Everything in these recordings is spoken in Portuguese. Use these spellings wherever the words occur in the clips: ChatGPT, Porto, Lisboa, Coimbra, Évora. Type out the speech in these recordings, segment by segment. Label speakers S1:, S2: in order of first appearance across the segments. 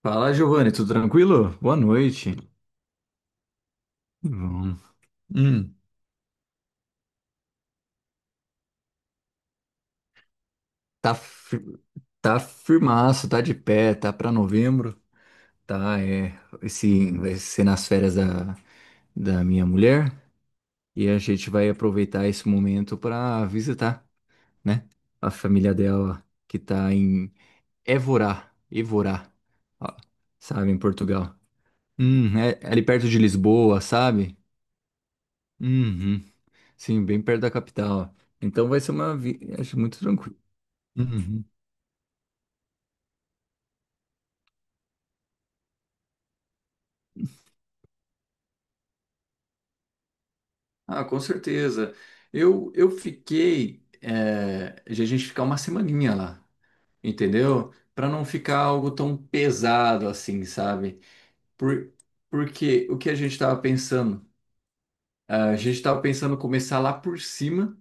S1: Fala, Giovanni, tudo tranquilo? Boa noite. Bom. Hum, tá, fir- tá firmaço, tá de pé, tá pra novembro, tá? É, esse vai ser nas férias da minha mulher e a gente vai aproveitar esse momento pra visitar, né? A família dela que tá em Évora, Évora, ó, sabe, em Portugal. É ali perto de Lisboa, sabe? Uhum. Sim, bem perto da capital. Então vai ser uma viagem muito tranquila. Uhum. Ah, com certeza. Eu fiquei de a gente ficar uma semaninha lá, entendeu? Para não ficar algo tão pesado assim, sabe? Por, porque o que a gente estava pensando? Ah, a gente estava pensando começar lá por cima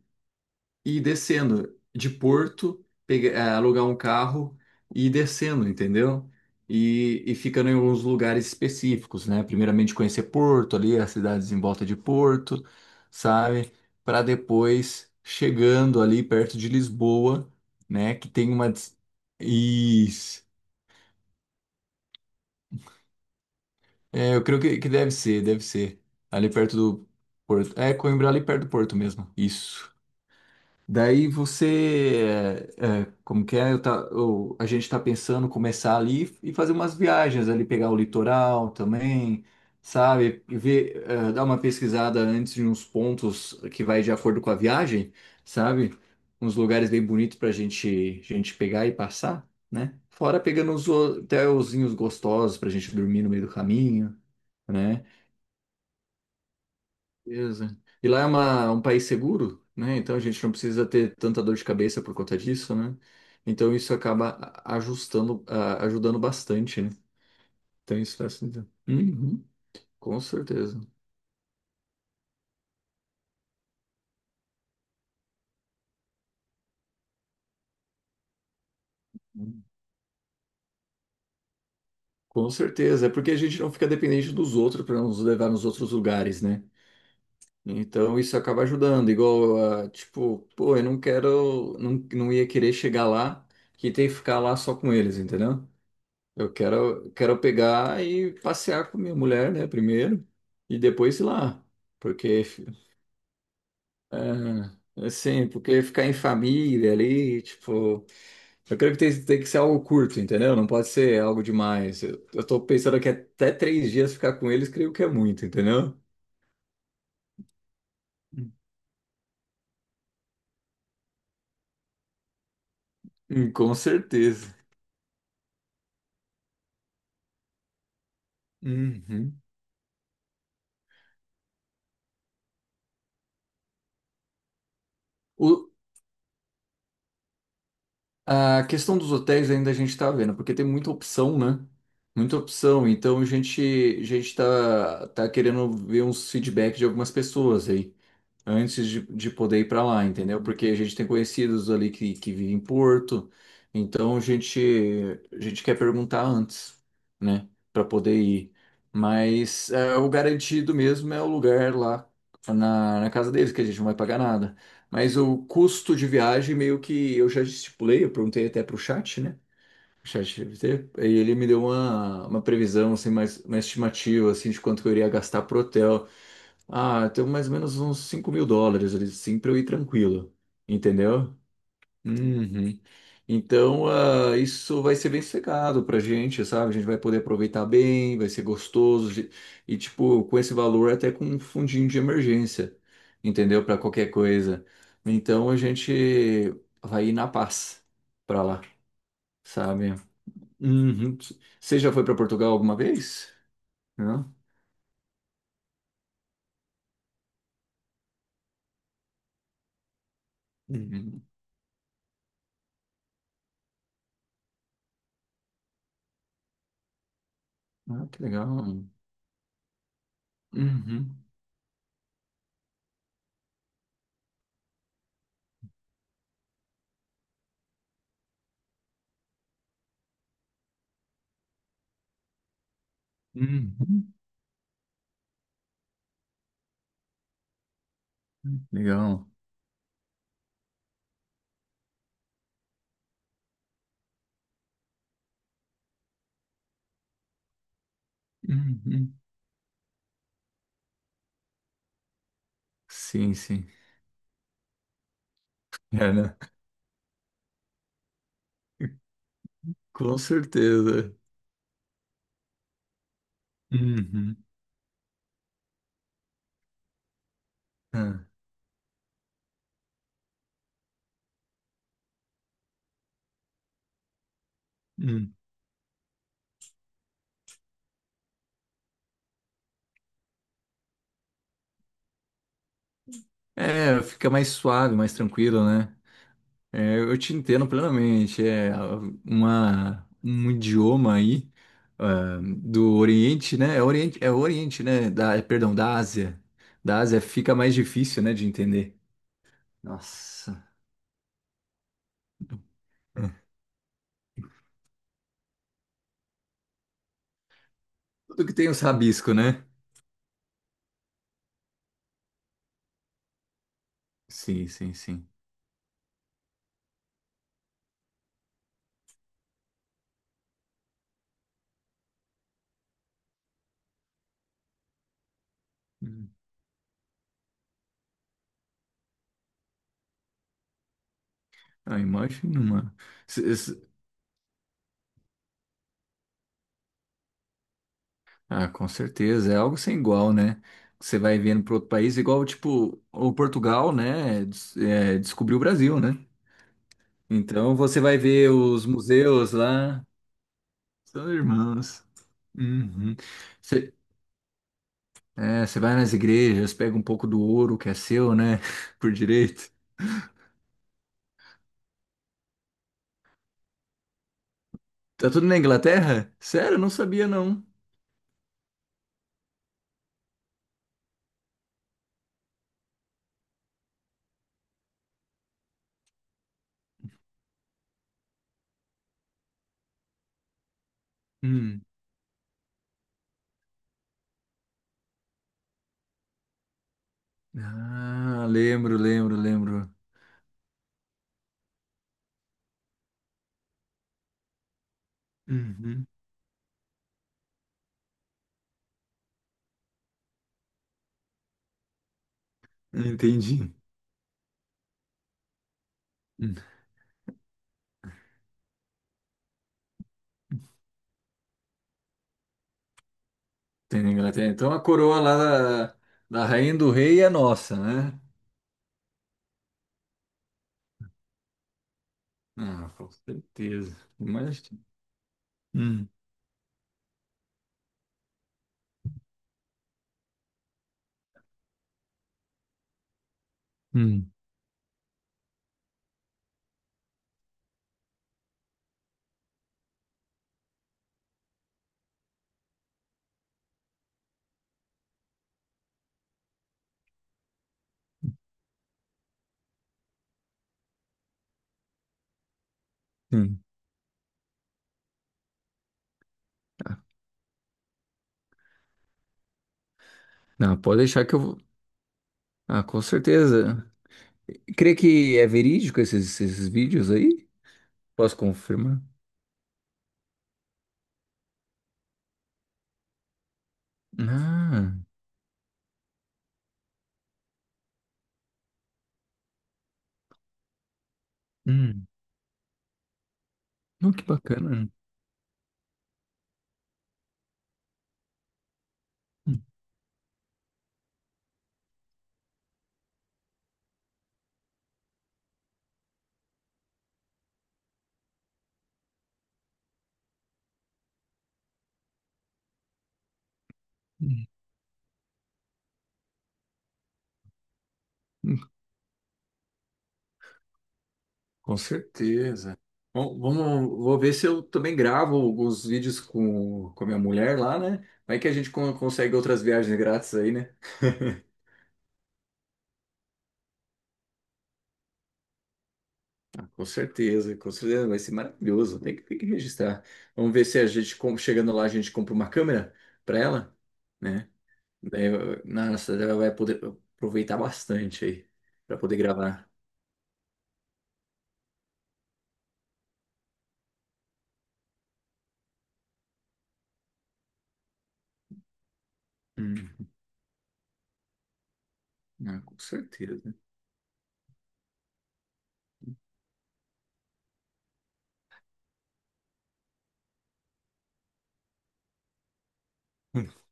S1: e descendo de Porto, alugar um carro e ir descendo, entendeu? E ficando em alguns lugares específicos, né? Primeiramente conhecer Porto, ali as cidades em volta de Porto, sabe? Para depois chegando ali perto de Lisboa, né? Que tem uma. Isso. É, eu creio que deve ser, deve ser. Ali perto do Porto. É, Coimbra, ali perto do Porto mesmo. Isso. Daí você, como que é? A gente está pensando começar ali e fazer umas viagens ali, pegar o litoral também, sabe? E dar uma pesquisada antes de uns pontos que vai de acordo com a viagem, sabe? Uns lugares bem bonitos para a gente pegar e passar, né? Fora pegando uns hotelzinhos gostosos para a gente dormir no meio do caminho, né? Beleza. E lá é um país seguro, né? Então a gente não precisa ter tanta dor de cabeça por conta disso, né? Então isso acaba ajustando, ajudando bastante, né? Então isso faz sentido. Uhum, com certeza. Com certeza. É porque a gente não fica dependente dos outros para nos levar nos outros lugares, né? Então isso acaba ajudando. Igual, ah, tipo, pô, eu não quero, não, não ia querer chegar lá que ter que ficar lá só com eles, entendeu? Eu quero pegar e passear com minha mulher, né, primeiro, e depois ir lá, porque, é, é assim, porque ficar em família ali, tipo, eu creio que tem que ser algo curto, entendeu? Não pode ser algo demais. Eu tô pensando que até 3 dias ficar com eles, creio que é muito, entendeu? Com certeza. Uhum. O- A questão dos hotéis ainda a gente está vendo, porque tem muita opção, né? Muita opção. Então a gente tá querendo ver uns feedback de algumas pessoas aí antes de poder ir para lá, entendeu? Porque a gente tem conhecidos ali que vivem em Porto, então a gente quer perguntar antes, né, para poder ir. Mas é, o garantido mesmo é o lugar lá na casa deles, que a gente não vai pagar nada. Mas o custo de viagem, meio que eu já estipulei, eu perguntei até para o chat, né? O chat GPT, e ele me deu uma previsão, assim, mais, uma estimativa, assim, de quanto que eu iria gastar pro hotel. Ah, tem mais ou menos uns US$ 5.000 ali, sim, pra eu ir tranquilo, entendeu? Uhum. Então, ah, isso vai ser bem sossegado pra gente, sabe? A gente vai poder aproveitar bem, vai ser gostoso. E, tipo, com esse valor, até com um fundinho de emergência, entendeu? Pra qualquer coisa. Então, a gente vai ir na paz pra lá, sabe? Uhum. Você já foi pra Portugal alguma vez? Não? Uhum. Ah, que legal. Uhum. Uhum. Legal. Uhum. Sim, sim. É, né? Com certeza. Uhum. Ah. Uhum. É, fica mais suave, mais tranquilo, né? É, eu te entendo plenamente. É um idioma aí do Oriente, né? É Oriente, né? Da, é, perdão, da Ásia. Da Ásia fica mais difícil, né, de entender. Nossa. É. Tudo que tem os rabisco, né? Sim, sim, sim. Uhum. Ah, imagina, mano. Ah, com certeza, é algo sem igual, né? Você vai vendo para outro país, igual, tipo, o Portugal, né? Descobriu o Brasil, né? Então você vai ver os museus lá, são irmãos. Uhum. Você, você vai nas igrejas, pega um pouco do ouro que é seu, né? Por direito. Tá tudo na Inglaterra? Sério, eu não sabia, não. Hum. Ah, lembro, lembro, lembro. Uhum. Entendi. Tem na Inglaterra. Então a coroa lá da, da rainha do rei é nossa, né? Ah, com certeza. Imagina. Hum, hum, sim. Ah, não, pode deixar que eu vou. Ah, com certeza. Crê que é verídico esses vídeos aí? Posso confirmar? Ah, hum. Não, que bacana. Hum, hum, hum. Com certeza. Bom, vamos, vou ver se eu também gravo alguns vídeos com a minha mulher lá, né? Vai que a gente consegue outras viagens grátis aí, né? Com certeza, vai ser maravilhoso. Tem que registrar. Vamos ver se a gente, chegando lá, a gente compra uma câmera para ela, né? Daí, nossa, daí ela vai poder aproveitar bastante aí para poder gravar. Hum, ah, com certeza.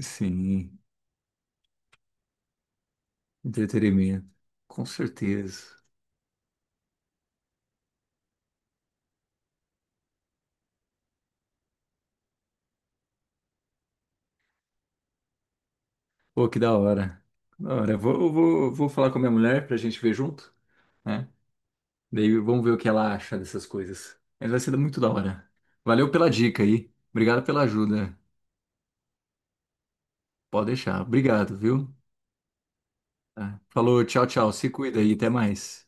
S1: Sim, entretenimento. Com certeza. Pô, que da hora. Da hora. Eu vou falar com a minha mulher pra gente ver junto, né? Daí vamos ver o que ela acha dessas coisas. Mas vai ser muito da hora. Valeu pela dica aí. Obrigado pela ajuda. Pode deixar. Obrigado, viu? Tá. Falou, tchau, tchau. Se cuida aí, até mais.